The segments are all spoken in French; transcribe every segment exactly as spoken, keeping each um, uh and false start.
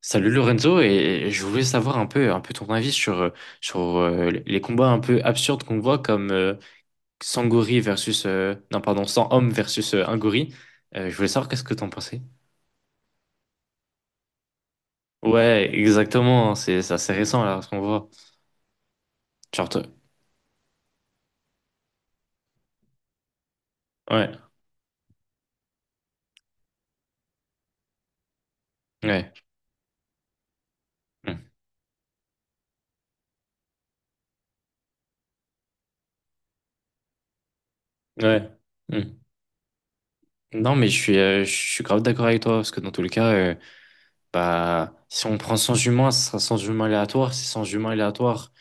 Salut Lorenzo, et je voulais savoir un peu, un peu ton avis sur, euh, sur euh, les combats un peu absurdes qu'on voit comme euh, Sangori versus, euh, non pardon, cent hommes versus euh, un gorille. Euh, je voulais savoir qu'est-ce que t'en pensais. Ouais, exactement, hein, c'est c'est assez récent là ce qu'on voit. Genre, t- ouais, ouais, mm, ouais. Mm. Non mais je suis, euh, je suis grave d'accord avec toi parce que dans tous les cas, euh, bah, si on prend cent humains, ce sera cent humains aléatoires. Ces cent humains aléatoires,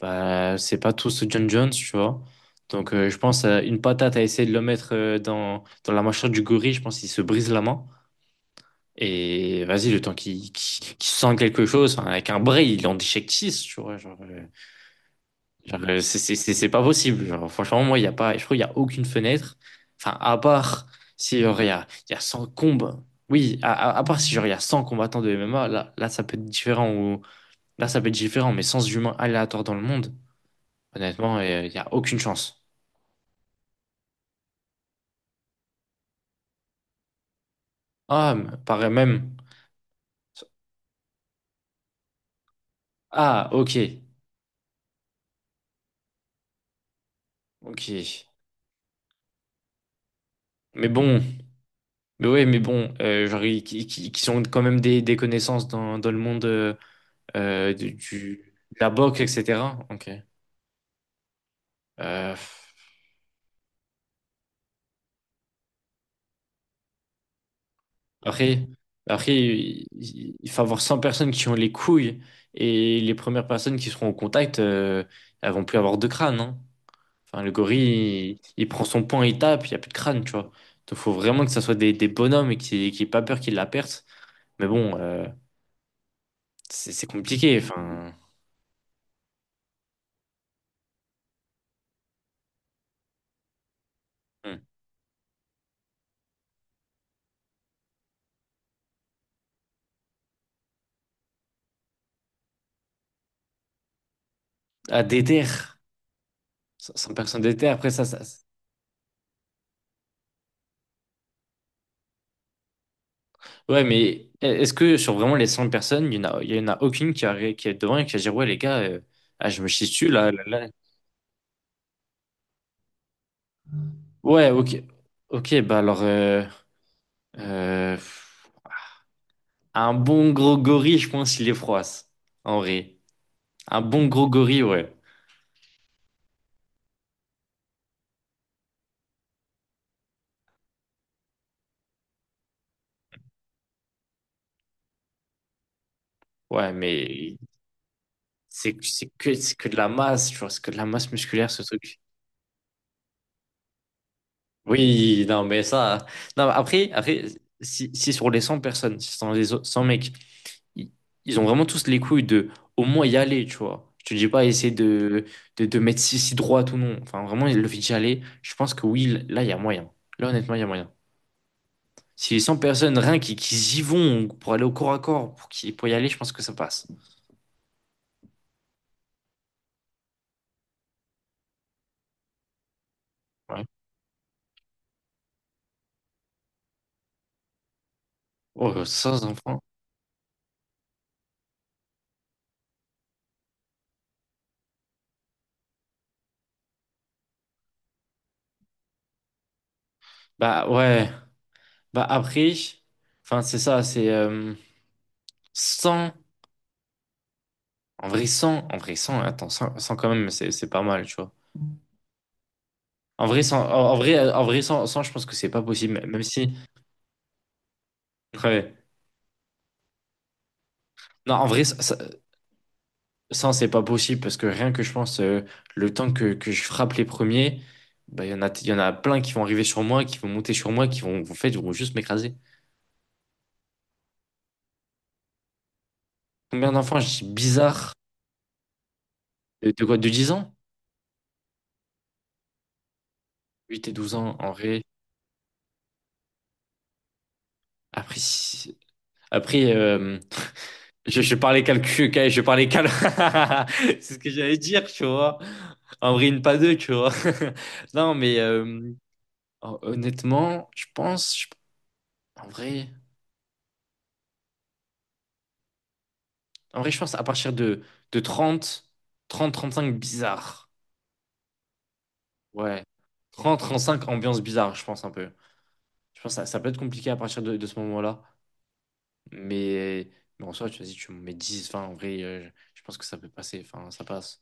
bah, c'est pas tous John Jones, tu vois. Donc, euh, je pense, euh, une patate à essayer de le mettre euh, dans, dans la mâchoire du gorille, je pense qu'il se brise la main. Et vas-y, le temps qu'il qu'il qu'il sente quelque chose, enfin, avec un bras, il en déchecte, tu vois. Genre, euh. Genre, euh, c'est c'est- c'est- c'est pas possible. Genre, franchement, moi, il y a pas, je trouve qu'il n'y a aucune fenêtre. Enfin, à part si genre, il y a, il y a cent combats. Oui, à, à- à part si genre, il y a cent combattants de M M A, là, là, ça peut être différent. Ou, là, ça peut être différent, mais sans humains aléatoires dans le monde, honnêtement, euh, il n'y a aucune chance. Ah, mais pareil même. Ah, ok. Ok. Mais bon, mais ouais, mais bon, euh, genre, ils- qui, qui, qui sont quand même des, des connaissances dans, dans le monde euh, euh, du, du- de la boxe, et cetera. Ok. Euh, Après, après, il il faut avoir cent personnes qui ont les couilles et les premières personnes qui seront au contact, euh, elles vont plus avoir de crâne, hein. Enfin, le gorille, il, il prend son poing, il tape, il n'y a plus de crâne, tu vois. Donc, faut vraiment que ça soit des, des bonhommes et qui qui aient pas peur qu'ils la perdent. Mais bon, euh, c'est c'est compliqué. Enfin, hmm. À déter, cent personnes déter, après ça, ça. ça- Ouais, mais est-ce que sur vraiment les cent personnes, il n'y en a, il y en a aucune qui, a, qui est devant et qui va dire, ouais, les gars, euh, ah, je me chie dessus, là, là, là. Ouais, ok. Ok, bah alors, euh, euh, un bon gros gorille, je pense, il est froisse, en vrai. Un bon gros gorille, ouais. Ouais, mais c'est c'est que, c'est que de la masse, tu vois, c'est que de la masse musculaire, ce truc. Oui, non, mais ça. Non, mais après, après si, si sur les cent personnes, si sur les o- cent mecs, i- ils ont vraiment tous les couilles de au moins y aller, tu vois. Je te dis pas essayer de, de, de mettre si, si droite ou non. Enfin, vraiment, le fait d'y aller, je pense que oui, là, il y a moyen. Là, honnêtement, il y a moyen. Si les cent personnes, rien qui, qui y vont pour aller au corps à corps, pour, qui, pour y aller, je pense que ça passe. Ouais. Oh, sans enfants. Bah ouais. Bah après, enfin, c'est ça, c'est euh, cent. En vrai, cent, en vrai, cent, attends, cent cent quand même, c'est c'est pas mal, tu vois. En vrai, cent, en en vrai, euh, en vrai cent cent je pense que c'est pas possible, même si. Ouais. Non, en vrai, cent, cent, c'est pas possible parce que rien que je pense, euh, le temps que, que je frappe les premiers, bah, il y en a, il y en a plein qui vont arriver sur moi, qui vont monter sur moi, qui vont, en fait, ils vont juste m'écraser. Combien d'enfants, je dis bizarre, de, de quoi, de dix ans? Huit et douze ans, en vrai. Après, si- après euh, Je, je parlais calcul, ok, je parlais cal. C'est ce que j'allais dire, tu vois. En vrai, une pas deux, tu vois. Non, mais euh, hon- honnêtement, je pense, je- en vrai, en vrai, je pense à partir de, de trente, trente trente cinq bizarre. Ouais. trente trente cinq ambiance bizarre, je pense un peu. Je pense que ça, ça peut être compliqué à partir de, de ce moment-là. Mais, mais en soi, tu vas-y, tu me mets dix vingt, en vrai, euh, je pense que ça peut passer. Enfin, ça passe.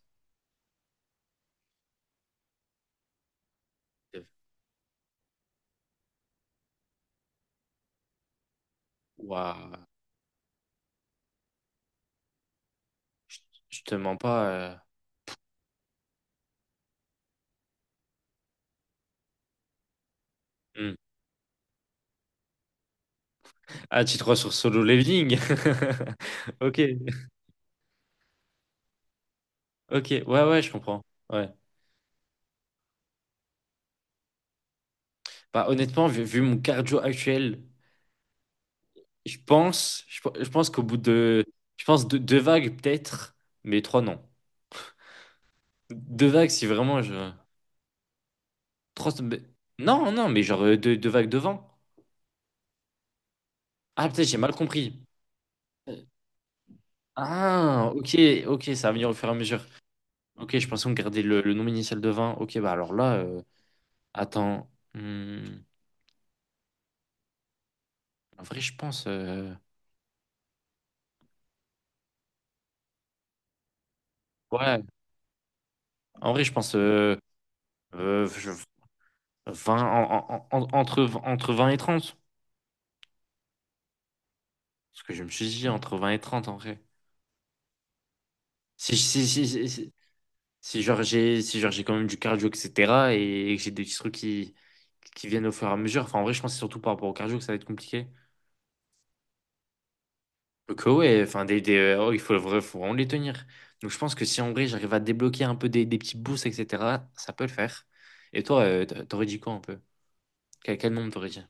Waouh, je te mens pas. Euh, hmm. Ah, tu te crois sur Solo Leveling? Ok, ok, ouais, ouais, je comprends. Ouais. Bah, honnêtement, vu, vu mon cardio actuel, je pense, je, pe- je pense qu'au bout de, je pense deux, deux vagues peut-être, mais trois non. Deux vagues si vraiment je, trois, mais- non, non, mais genre euh, deux, deux vagues devant. Ah, peut-être j'ai mal compris. Ah, ok, ok, ça va venir au fur et à mesure. Ok, je pensais qu'on gardait le, le nombre initial de vingt. Ok, bah alors là, euh, attends. Hmm, en vrai, je pense. euh, Ouais, en vrai, je pense, euh, euh, je- vingt, en- en- en- entre, entre vingt et trente. Parce que je me suis dit entre vingt et trente en vrai. Si, si, si, si, si- si genre j'ai si genre j'ai quand même du cardio, et cetera. Et, que j'ai des petits trucs qui, qui viennent au fur et à mesure. Enfin, en vrai, je pense que c'est surtout par rapport au cardio que ça va être compliqué. Donc, euh, ouais, enfin, des, des, euh, oh, il faut, vra- faut vraiment les tenir. Donc, je pense que si en vrai j'arrive à débloquer un peu des, des petits boosts, et cetera, ça peut le faire. Et toi, euh, t- t'aurais dit quoi un peu? Quel, quel nombre t'aurais dit?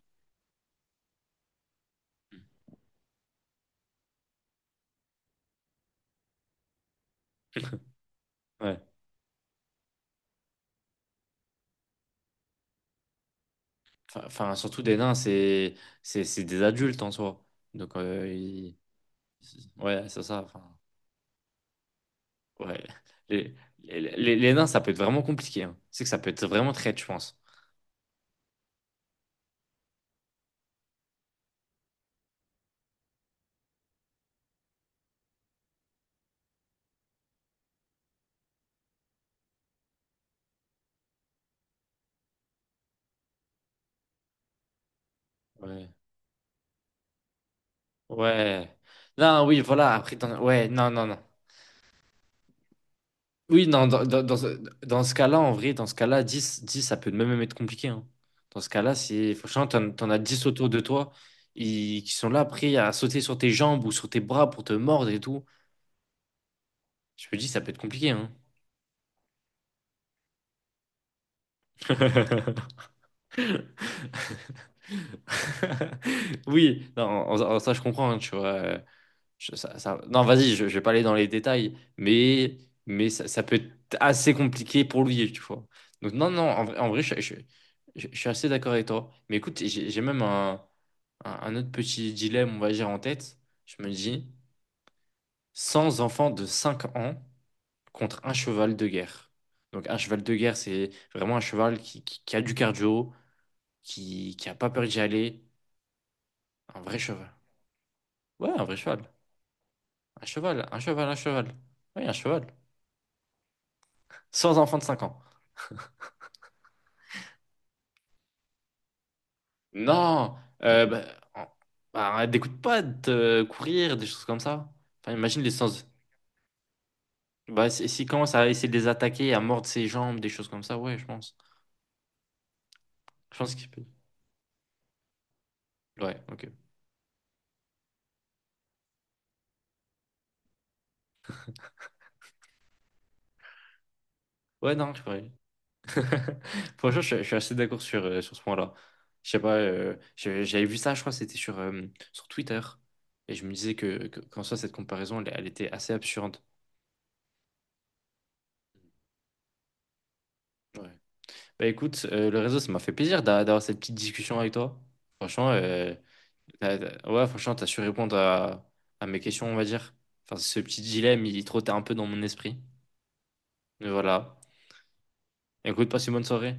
Enfin, enfin, surtout des nains, c'est c'est c'est des adultes en soi. Donc, euh, ils- ouais, c'est ça. Enfin, ouais. Les, les, les- les nains, ça peut être vraiment compliqué, hein. C'est que ça peut être vraiment traite, je pense. Ouais. Ouais. Non, oui, voilà. Après, dans- ouais, non, non, non. Oui, non, dans, dans, dans ce dans ce cas-là, en vrai, dans ce cas-là, dix dix ça peut même être compliqué, hein. Dans ce cas-là, si franchement, t'en, t'en as dix autour de toi, ils- qui sont là prêts à sauter sur tes jambes ou sur tes bras pour te mordre et tout, je me dis, ça peut être compliqué. Hein. Oui, non, en- en- ça je comprends, hein, tu vois. euh, je- ça, ça- Non, vas-y, je, je vais pas aller dans les détails, mais, mais ça, ça peut être assez compliqué pour lui, tu vois. Donc non, non, en vrai, en vrai, je, je- je- je suis assez d'accord avec toi. Mais écoute, j'ai j'ai même un, un, un autre petit dilemme, on va dire, en tête. Je me dis, cent enfants de cinq ans contre un cheval de guerre. Donc un cheval de guerre, c'est vraiment un cheval qui, qui, qui a du cardio, qui, qui a pas peur d'y aller. Un vrai cheval. Ouais, un vrai cheval. Un cheval, un cheval, un cheval. Oui, un cheval. Sans enfant de cinq ans. Non, euh, bah, en- bah, des coups de patte, euh, courir, des choses comme ça. Enfin, imagine les sens. Bah, si- s'il commence à essayer de les attaquer, à mordre ses jambes, des choses comme ça, ouais, je pense. Je pense qu'il peut. Ouais, ok. Ouais, non, je pourrais. Franchement, je, je suis assez d'accord sur, euh, sur ce point-là. Je sais pas, euh, j'ai- j'avais vu ça, je crois, que c'était sur, euh, sur Twitter. Et je me disais que, que- qu'en soi, cette comparaison, elle, elle était assez absurde. Ouais. Bah écoute, euh, le réseau, ça m'a fait plaisir d'a- d'avoir cette petite discussion avec toi. Franchement, euh, t'as- t'as- ouais, franchement, t'as su répondre à, à mes questions, on va dire. Enfin, ce petit dilemme, il trottait un peu dans mon esprit. Mais voilà. Écoute, passe une bonne soirée.